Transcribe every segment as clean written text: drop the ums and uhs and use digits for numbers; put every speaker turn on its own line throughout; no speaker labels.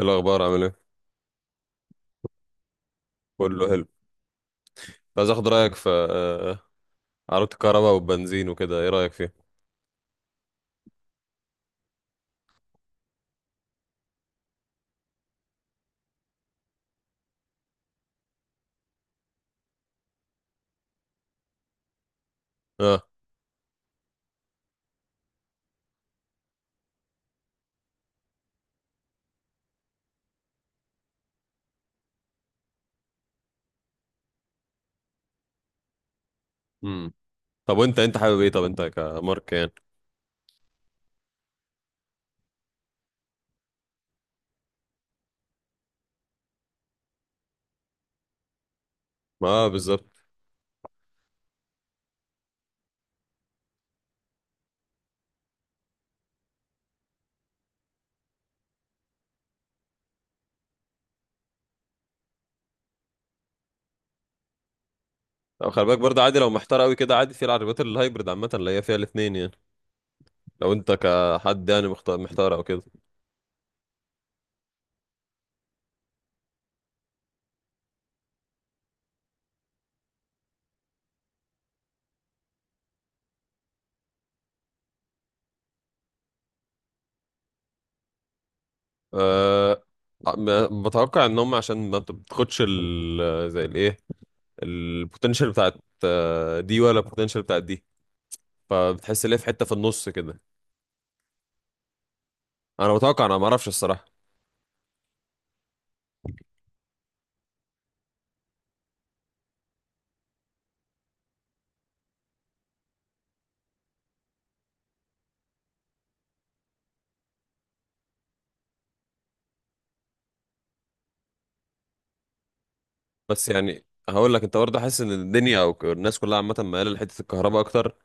إيه الأخبار، عامل ايه؟ كله حلو. عايز اخد رأيك في عربية الكهرباء والبنزين وكده، ايه رأيك فيها؟ اه. امم. طب وانت حابب ايه؟ طب انت كمارك يعني؟ ما اه، بالظبط. طب خلي بالك برضه، عادي لو محتار قوي كده. عادي في العربيات الهايبرد عامة، اللي هي فيها الاتنين يعني. لو انت كحد يعني محتار او كده. أه. بتوقع ان هم عشان ما بت- بتاخدش ال زي الايه، البوتنشال بتاعت دي ولا البوتنشال بتاعت دي. فبتحس ان هي في حتة في النص كده. انا بتوقع، انا ما اعرفش الصراحة. بس يعني هقول لك، انت برضه حاسس ان الدنيا او الناس كلها عامه مايله لحته الكهرباء اكتر،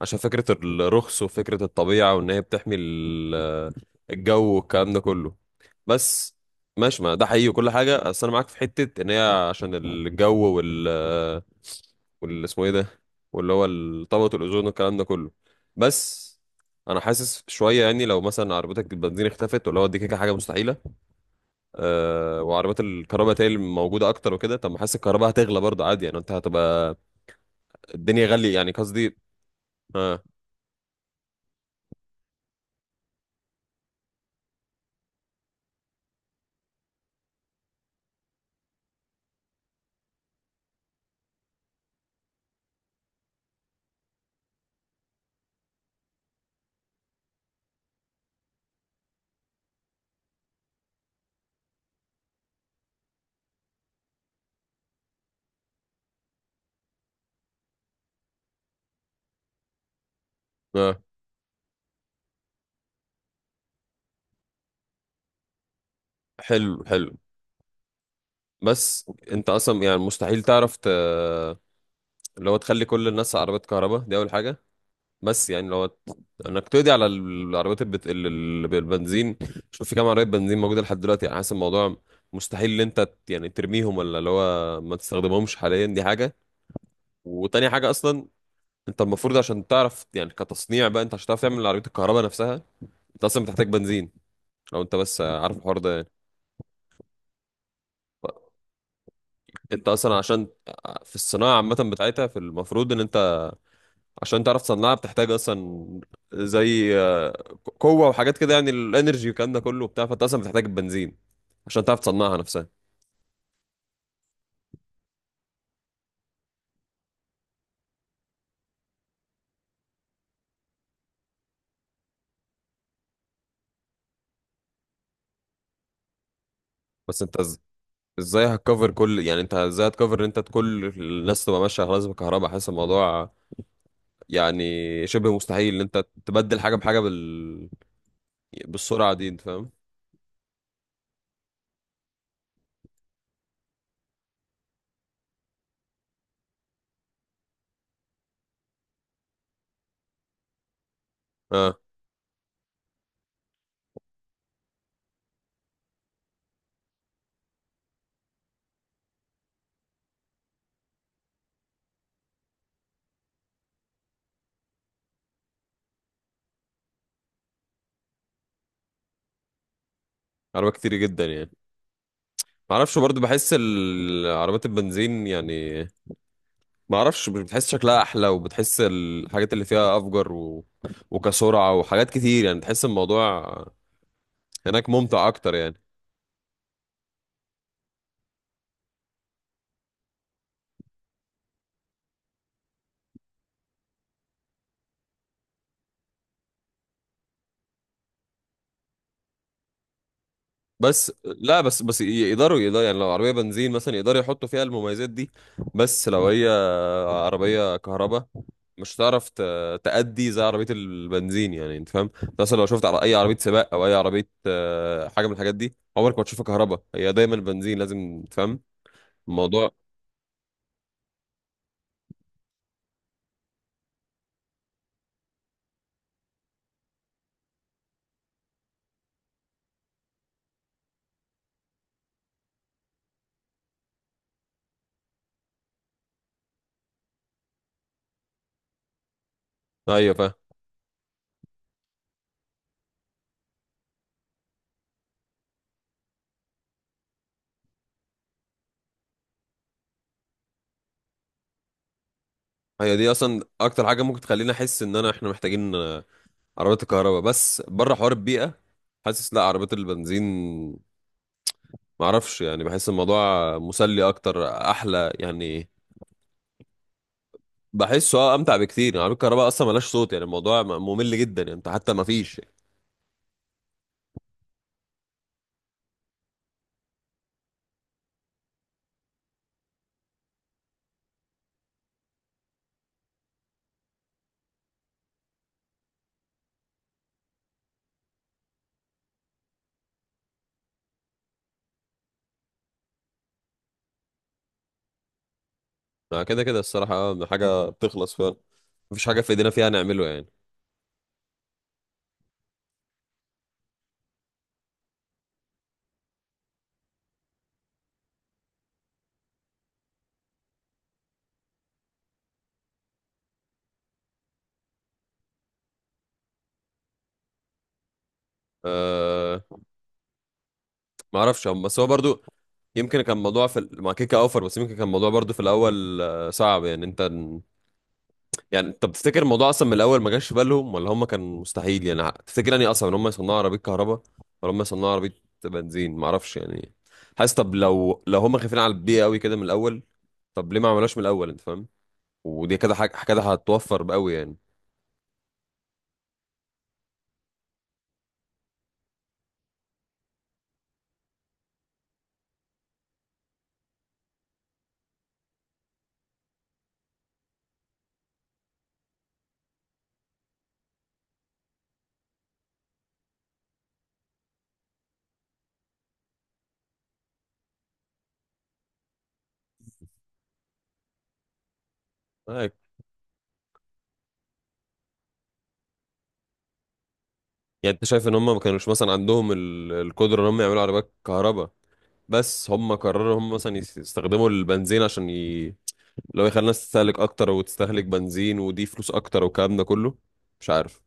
عشان فكره الرخص وفكره الطبيعه وان هي بتحمي الجو والكلام ده كله. بس ماشي، ما ده حقيقي وكل حاجه. بس انا معاك في حته ان هي عشان الجو وال اسمه ايه ده، واللي هو طبقه الاوزون والكلام ده كله. بس انا حاسس شويه يعني، لو مثلا عربيتك البنزين اختفت، واللي هو دي كده حاجه مستحيله، وعربيات الكهرباء تالي موجوده اكتر وكده. طب ما حاسس الكهرباء هتغلى برضه، عادي يعني انت هتبقى الدنيا غاليه، يعني قصدي. اه. اه، حلو حلو. بس انت اصلا يعني مستحيل تعرف ت... اللي هو تخلي كل الناس عربيات كهرباء، دي اول حاجه. بس يعني لو انك تقضي على العربيات بالبنزين. شوف في كام عربيه بنزين موجوده لحد دلوقتي، يعني حاسس الموضوع مستحيل ان انت يعني ترميهم، ولا اللي هو ما تستخدمهمش حاليا، دي حاجه. وتاني حاجه اصلا، انت المفروض عشان تعرف يعني كتصنيع بقى، انت عشان تعرف تعمل عربية الكهرباء نفسها، انت اصلا بتحتاج بنزين. لو انت بس عارف الحوار ده يعني. انت اصلا عشان في الصناعة عامة بتاعتها، في المفروض ان انت عشان تعرف تصنعها بتحتاج اصلا زي قوة وحاجات كده يعني، الانرجي والكلام ده كله وبتاع، فانت اصلا بتحتاج البنزين عشان تعرف تصنعها نفسها. بس انت ازاي هتكفر كل، يعني انت ازاي هتكفر ان انت كل الناس تبقى ماشية خلاص بالكهرباء؟ حاسس الموضوع يعني شبه مستحيل ان انت تبدل حاجة بحاجة بال... بالسرعة دي، انت فاهم. اه. عربيات كتير جدا يعني. ما اعرفش برضه، بحس عربيات البنزين يعني، ما اعرفش، مش بتحس شكلها احلى؟ وبتحس الحاجات اللي فيها افجر و... وكسرعه وحاجات كتير، يعني تحس الموضوع هناك ممتع اكتر يعني. بس لا، بس يقدروا يعني لو عربيه بنزين مثلا يقدروا يحطوا فيها المميزات دي. بس لو هي عربية كهرباء، مش هتعرف تأدي زي عربية البنزين، يعني انت فاهم. انت مثلا لو شفت على اي عربية سباق او اي عربية، حاجة من الحاجات دي، عمرك ما تشوفها كهرباء، هي دايما بنزين، لازم تفهم الموضوع. ايوه، فاهم. هي دي اصلا اكتر حاجة ممكن تخليني احس ان احنا محتاجين عربيات الكهرباء، بس بره حوار البيئة. حاسس لا، عربيات البنزين، معرفش يعني، بحس الموضوع مسلي اكتر، احلى يعني. بحسه اه امتع بكتير يعني. عربية الكهرباء اصلا ملهاش صوت، يعني الموضوع ممل جدا، يعني انت حتى ما فيش. ما كده كده، الصراحة حاجة بتخلص فعلا، مفيش حاجة في ايدينا فيها نعمله يعني. أه. ما اعرفش، بس هو برضو يمكن كان الموضوع في مع كيكا اوفر. بس يمكن كان الموضوع برضو في الاول صعب، يعني انت. يعني انت بتفتكر الموضوع اصلا من الاول ما جاش في بالهم، ولا هم كان مستحيل يعني تفتكر يعني اصلا ان هم يصنعوا عربية كهرباء ولا هم يصنعوا عربية بنزين؟ ما اعرفش يعني. حاسس طب لو هم خايفين على البيئة قوي كده من الاول، طب ليه ما عملوش من الاول، انت فاهم؟ ودي كده حاجة كده هتوفر بقوي يعني. طيب. يعني انت شايف ان هم ما كانوش مثلا عندهم القدره ان هم يعملوا عربيات كهرباء؟ بس هم قرروا هم مثلا يستخدموا البنزين عشان ي... لو يخلي الناس تستهلك اكتر وتستهلك بنزين، ودي فلوس اكتر والكلام ده كله، مش عارف.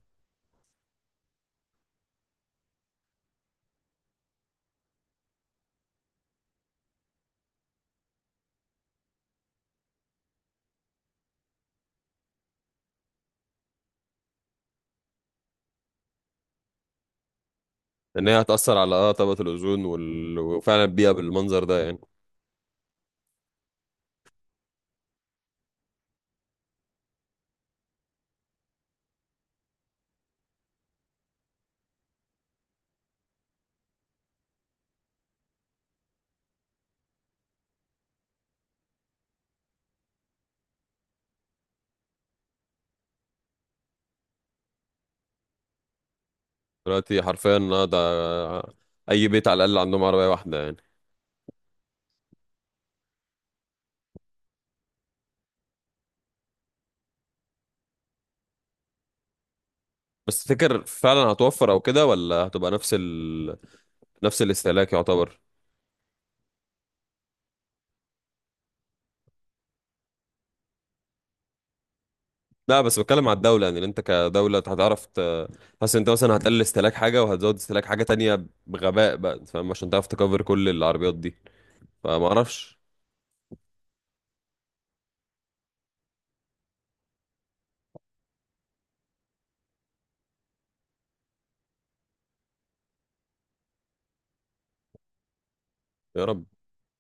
ان هي هتاثر على اه طبقه الاوزون وفعلا البيئه بالمنظر ده يعني. دلوقتي حرفيا اه ده، اي بيت على الاقل عندهم عربيه واحده يعني. بس تفتكر فعلا هتوفر او كده، ولا هتبقى نفس ال... نفس الاستهلاك يعتبر؟ لا، بس بتكلم على الدولة، يعني انت كدولة هتعرف حاسس انت مثلا هتقلل استهلاك حاجة وهتزود استهلاك حاجة تانية بغباء بقى، فاهم، عشان تعرف تكفر كل العربيات دي. فما اعرفش. يا رب.